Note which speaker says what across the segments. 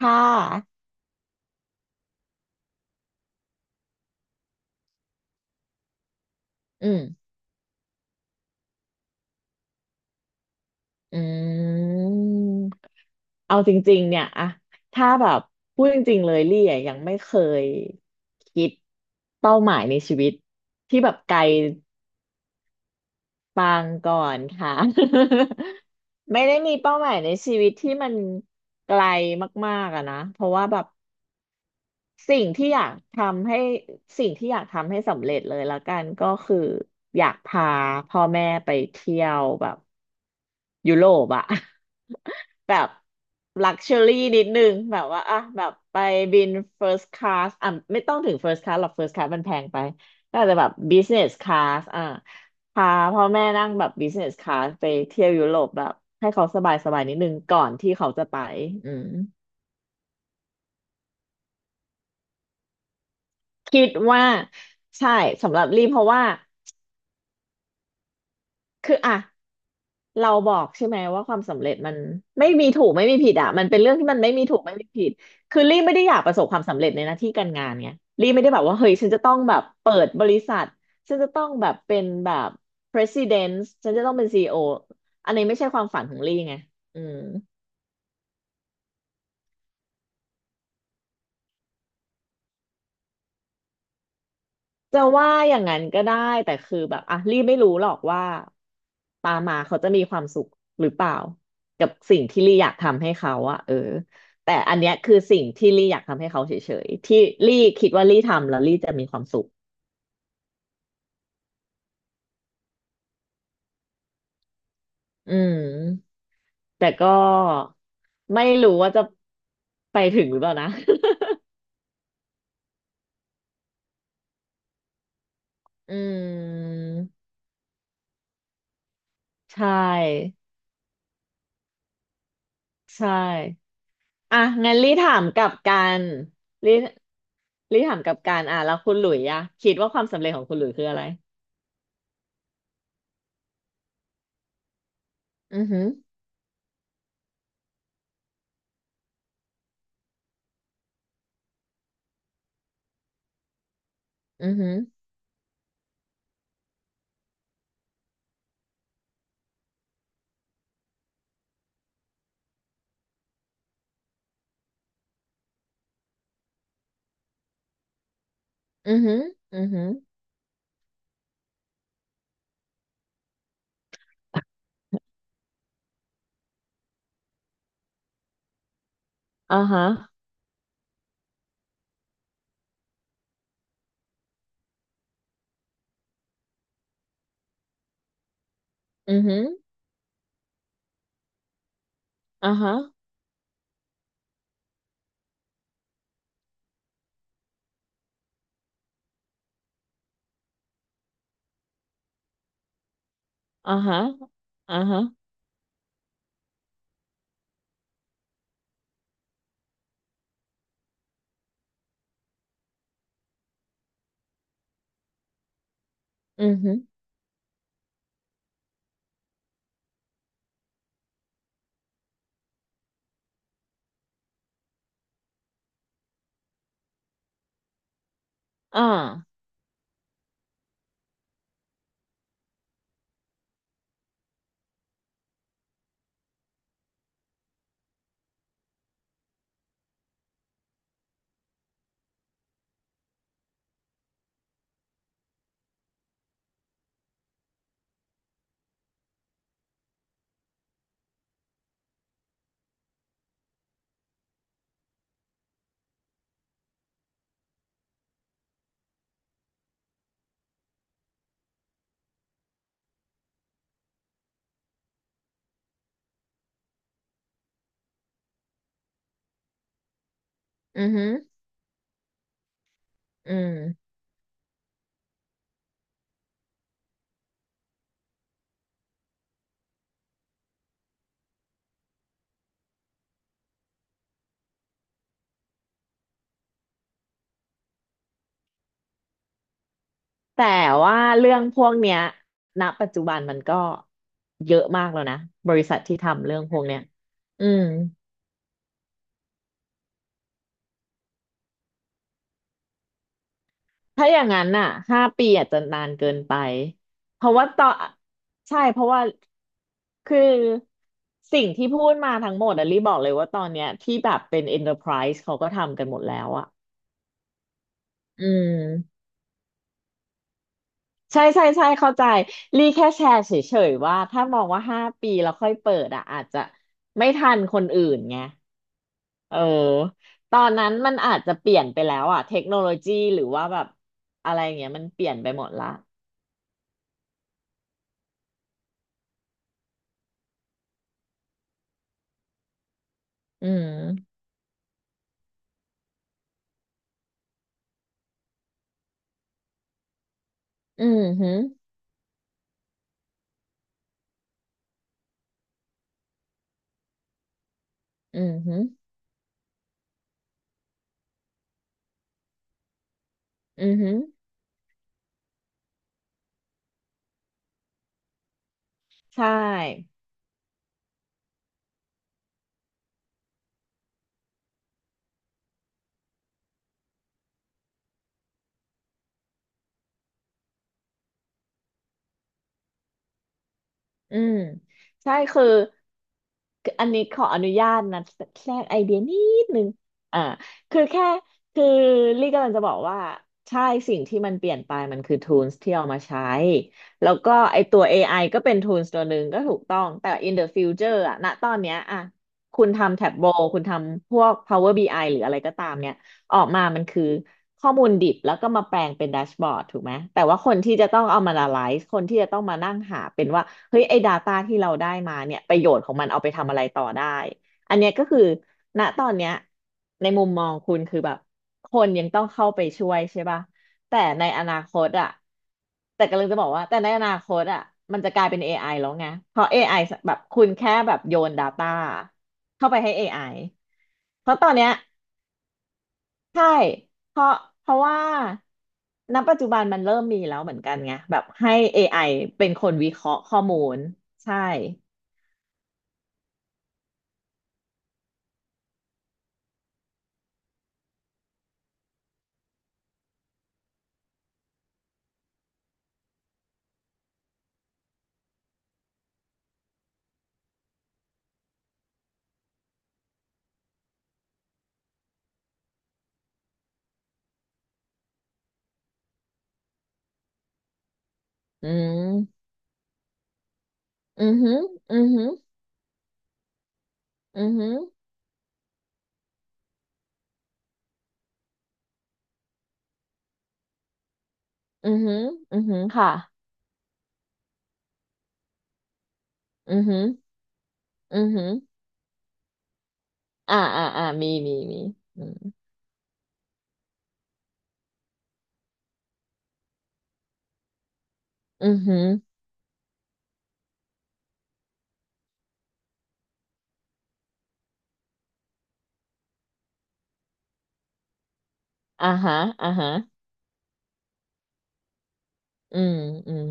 Speaker 1: ค่ะอืมอืมเอาจริงๆ เนี่ยอะถ้าแบบพูดจริงๆ เลยลี่อะยังไม่เคยคิดเป้าหมายในชีวิตที่แบบไกลปางก่อนค่ะ ไม่ได้มีเป้าหมายในชีวิตที่มันไกลมากๆอะนะ เพราะว่าแบบ สิ่งที่อยากทำให้สิ่งที่อยากทำให้สำเร็จเลยละกันก็คืออยากพาพ่อแม่ไปเที่ยวแบบยุโรปอะ แบบลักชัวรี่นิดนึงแบบว่าอะแบบไปบิน first class อ่ะไม่ต้องถึง first class หรอก first class มันแพงไปก็อาจจะแบบ business class อ่ะพาพ่อแม่นั่งแบบ business class ไปเที่ยวยุโรปแบบให้เขาสบายสบายนิดนึงก่อนที่เขาจะไปอืม คิดว่าใช่สำหรับรีเพราะว่าคืออ่ะเราบอกใช่ไหมว่าความสำเร็จมันไม่มีถูกไม่มีผิดอ่ะมันเป็นเรื่องที่มันไม่มีถูกไม่มีผิดคือรีไม่ได้อยากประสบความสำเร็จในหน้าที่การงานไงรีไม่ได้แบบว่าเฮ้ยฉันจะต้องแบบเปิดบริษัทฉันจะต้องแบบเป็นแบบ president ฉันจะต้องเป็น CEO อโออันนี้ไม่ใช่ความฝันของรีไงอืม จะว่าอย่างนั้นก็ได้แต่คือแบบอ่ะลี่ไม่รู้หรอกว่าตามมาเขาจะมีความสุขหรือเปล่ากับสิ่งที่ลี่อยากทำให้เขาอะแต่อันเนี้ยคือสิ่งที่ลี่อยากทำให้เขาเฉยๆที่ลี่คิดว่าลี่ทำแล้วลี่จะมีความสุขอืมแต่ก็ไม่รู้ว่าจะไปถึงหรือเปล่านะ อืมใช่ใช่ อ่ะงั้นนรีรีถามกลับกันอ่ะแล้วคุณหลุยอะคิดว่าความสำเร็จของคุณหลุยคืออะไรอือหืออือหืออือหืออือหืออ่าฮะอือหืออ่าฮะอ่าฮะอ่าฮะอือหืออ่าอือหืออืมแต่ว่าเรื่องพวกเนี้ยณปัจจุบันมันก็เยอะมากแล้วนะบริษัทที่ทำเรื่องพวกเนี้ยอืม ถ้าอย่างนั้นน่ะ5 ปีอาจจะนานเกินไปเพราะว่าต่อใช่เพราะว่าคือสิ่งที่พูดมาทั้งหมดอะลี่บอกเลยว่าตอนเนี้ยที่แบบเป็น enterprise เขาก็ทำกันหมดแล้วอะอืมใช่ใช่ใช่เข้าใจลี่แค่แชร์เฉยๆว่าถ้ามองว่าห้าปีแล้วค่อยเปิดอะอาจจะไม่ทันคนอื่นไงเออตอนนั้นมันอาจจะเปลี่ยนไปแล้วอะเทคโนโลยีหรือว่าแบบอะไรเงี้ยมันเปลี่ยนไปหมดละอืมอืมฮึ อือหืออือหือใช่ อืมใช่คืออันนี้ขออนุญาตนะแทรกไอเดียนิดนึงอ่าคือแค่คือลี่กำลังจะบอกว่าใช่สิ่งที่มันเปลี่ยนไปมันคือ tools ที่เอามาใช้แล้วก็ไอตัว AI ก็เป็น tools ตัวหนึ่งก็ถูกต้องแต่ in the future อะณตอนเนี้ยอะคุณทำ Tableau คุณทำพวก Power BI หรืออะไรก็ตามเนี่ยออกมามันคือข้อมูลดิบแล้วก็มาแปลงเป็นแดชบอร์ดถูกไหมแต่ว่าคนที่จะต้องเอามา analyze คนที่จะต้องมานั่งหาเป็นว่า เฮ้ยไอ้ Data ที่เราได้มาเนี่ยประโยชน์ของมันเอาไปทำอะไรต่อได้ อันเนี้ยก็คือณตอนเนี้ยในมุมมองคุณคือแบบคนยังต้องเข้าไปช่วยใช่ป่ะแต่ในอนาคตอะแต่กำลังจะบอกว่าแต่ในอนาคตอะมันจะกลายเป็น AI แล้วไงเพราะเอไอแบบคุณแค่แบบโยน Data เข้าไปให้ AI เพราะตอนเนี้ยใช่เพราะเพราะว่าณปัจจุบันมันเริ่มมีแล้วเหมือนกันไงแบบให้ AI เป็นคนวิเคราะห์ข้อมูลใช่ อืมอือหืออือหืออือหืออือหืออือหือค่ะอือหืออือหืออ่าอ่าอ่ามีมีมีอืมอือหืออ่าฮะอ่าฮะอืมอืม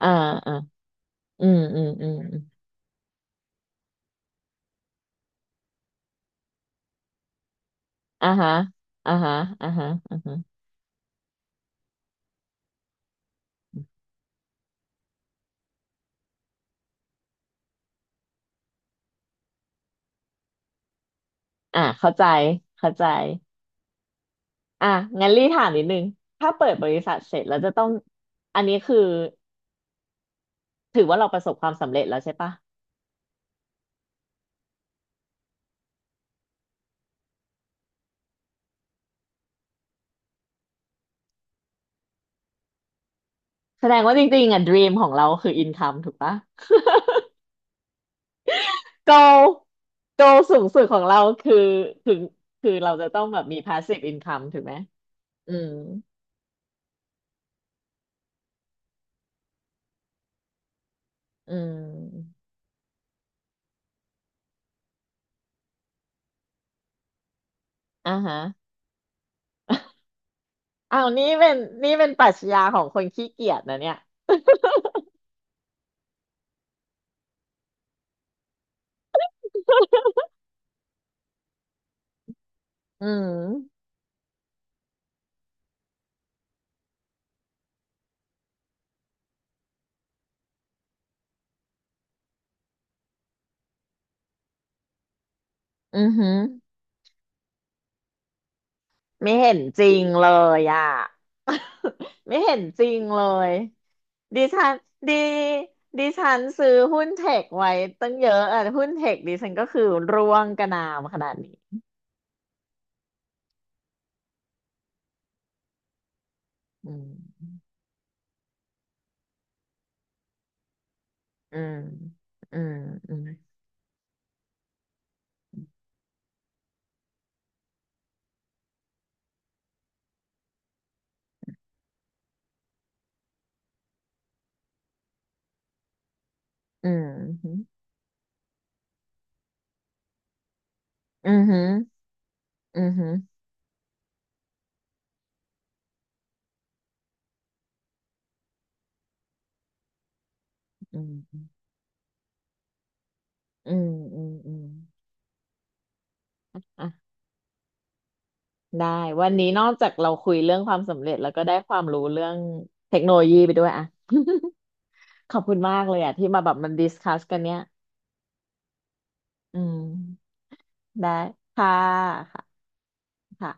Speaker 1: อ่าอ่าอืมอืมอืมอืมอ่าฮะอ่าฮะอ่าฮะอ่าฮะอ่าเข้าใจเข้าใจอ่ะงั้นรีถามนิดนึงถ้าเปิดบริษัทเสร็จแล้วจะต้อง อันนี้คือถือว่าเราประสบความสำเร็จแล้วใช่ปะแสดงว่าจริงๆอ่ะ dream ของเราคือ income ถูกปะ โกโกสูงสุดของเราคือคือคือเราจะต้องแบบมี passive income ถูกไหมอืมอืมอ่าฮะอ้าวนี่เป็นนี่เป็นปรัชญาของคนขี้เกียจนะเนี่ยอืมอือหือไม่เห็นจริงเลยอ่ะ ไม่เห็นจริงเลยดิฉันดีดิฉันซื้อหุ้นเทคไว้ตั้งเยอะอ่ะหุ้นเทคดิฉันก็คือร่วงกระนาวขนาดนี้อืมอืมอืมอืม อืมอืมอืมอืมอืมอืมอืมอ่ะได้วันนี้นอกจากเราคุยเรื่องความสำเร็จแล้วก็ได้ความรู้เรื่องเทคโนโลยีไปด้วยอ่ะ ขอบคุณมากเลยอ่ะที่มาแบบมันดิสคัสกันเนี้ยอืมได้ค่ะค่ะค่ะ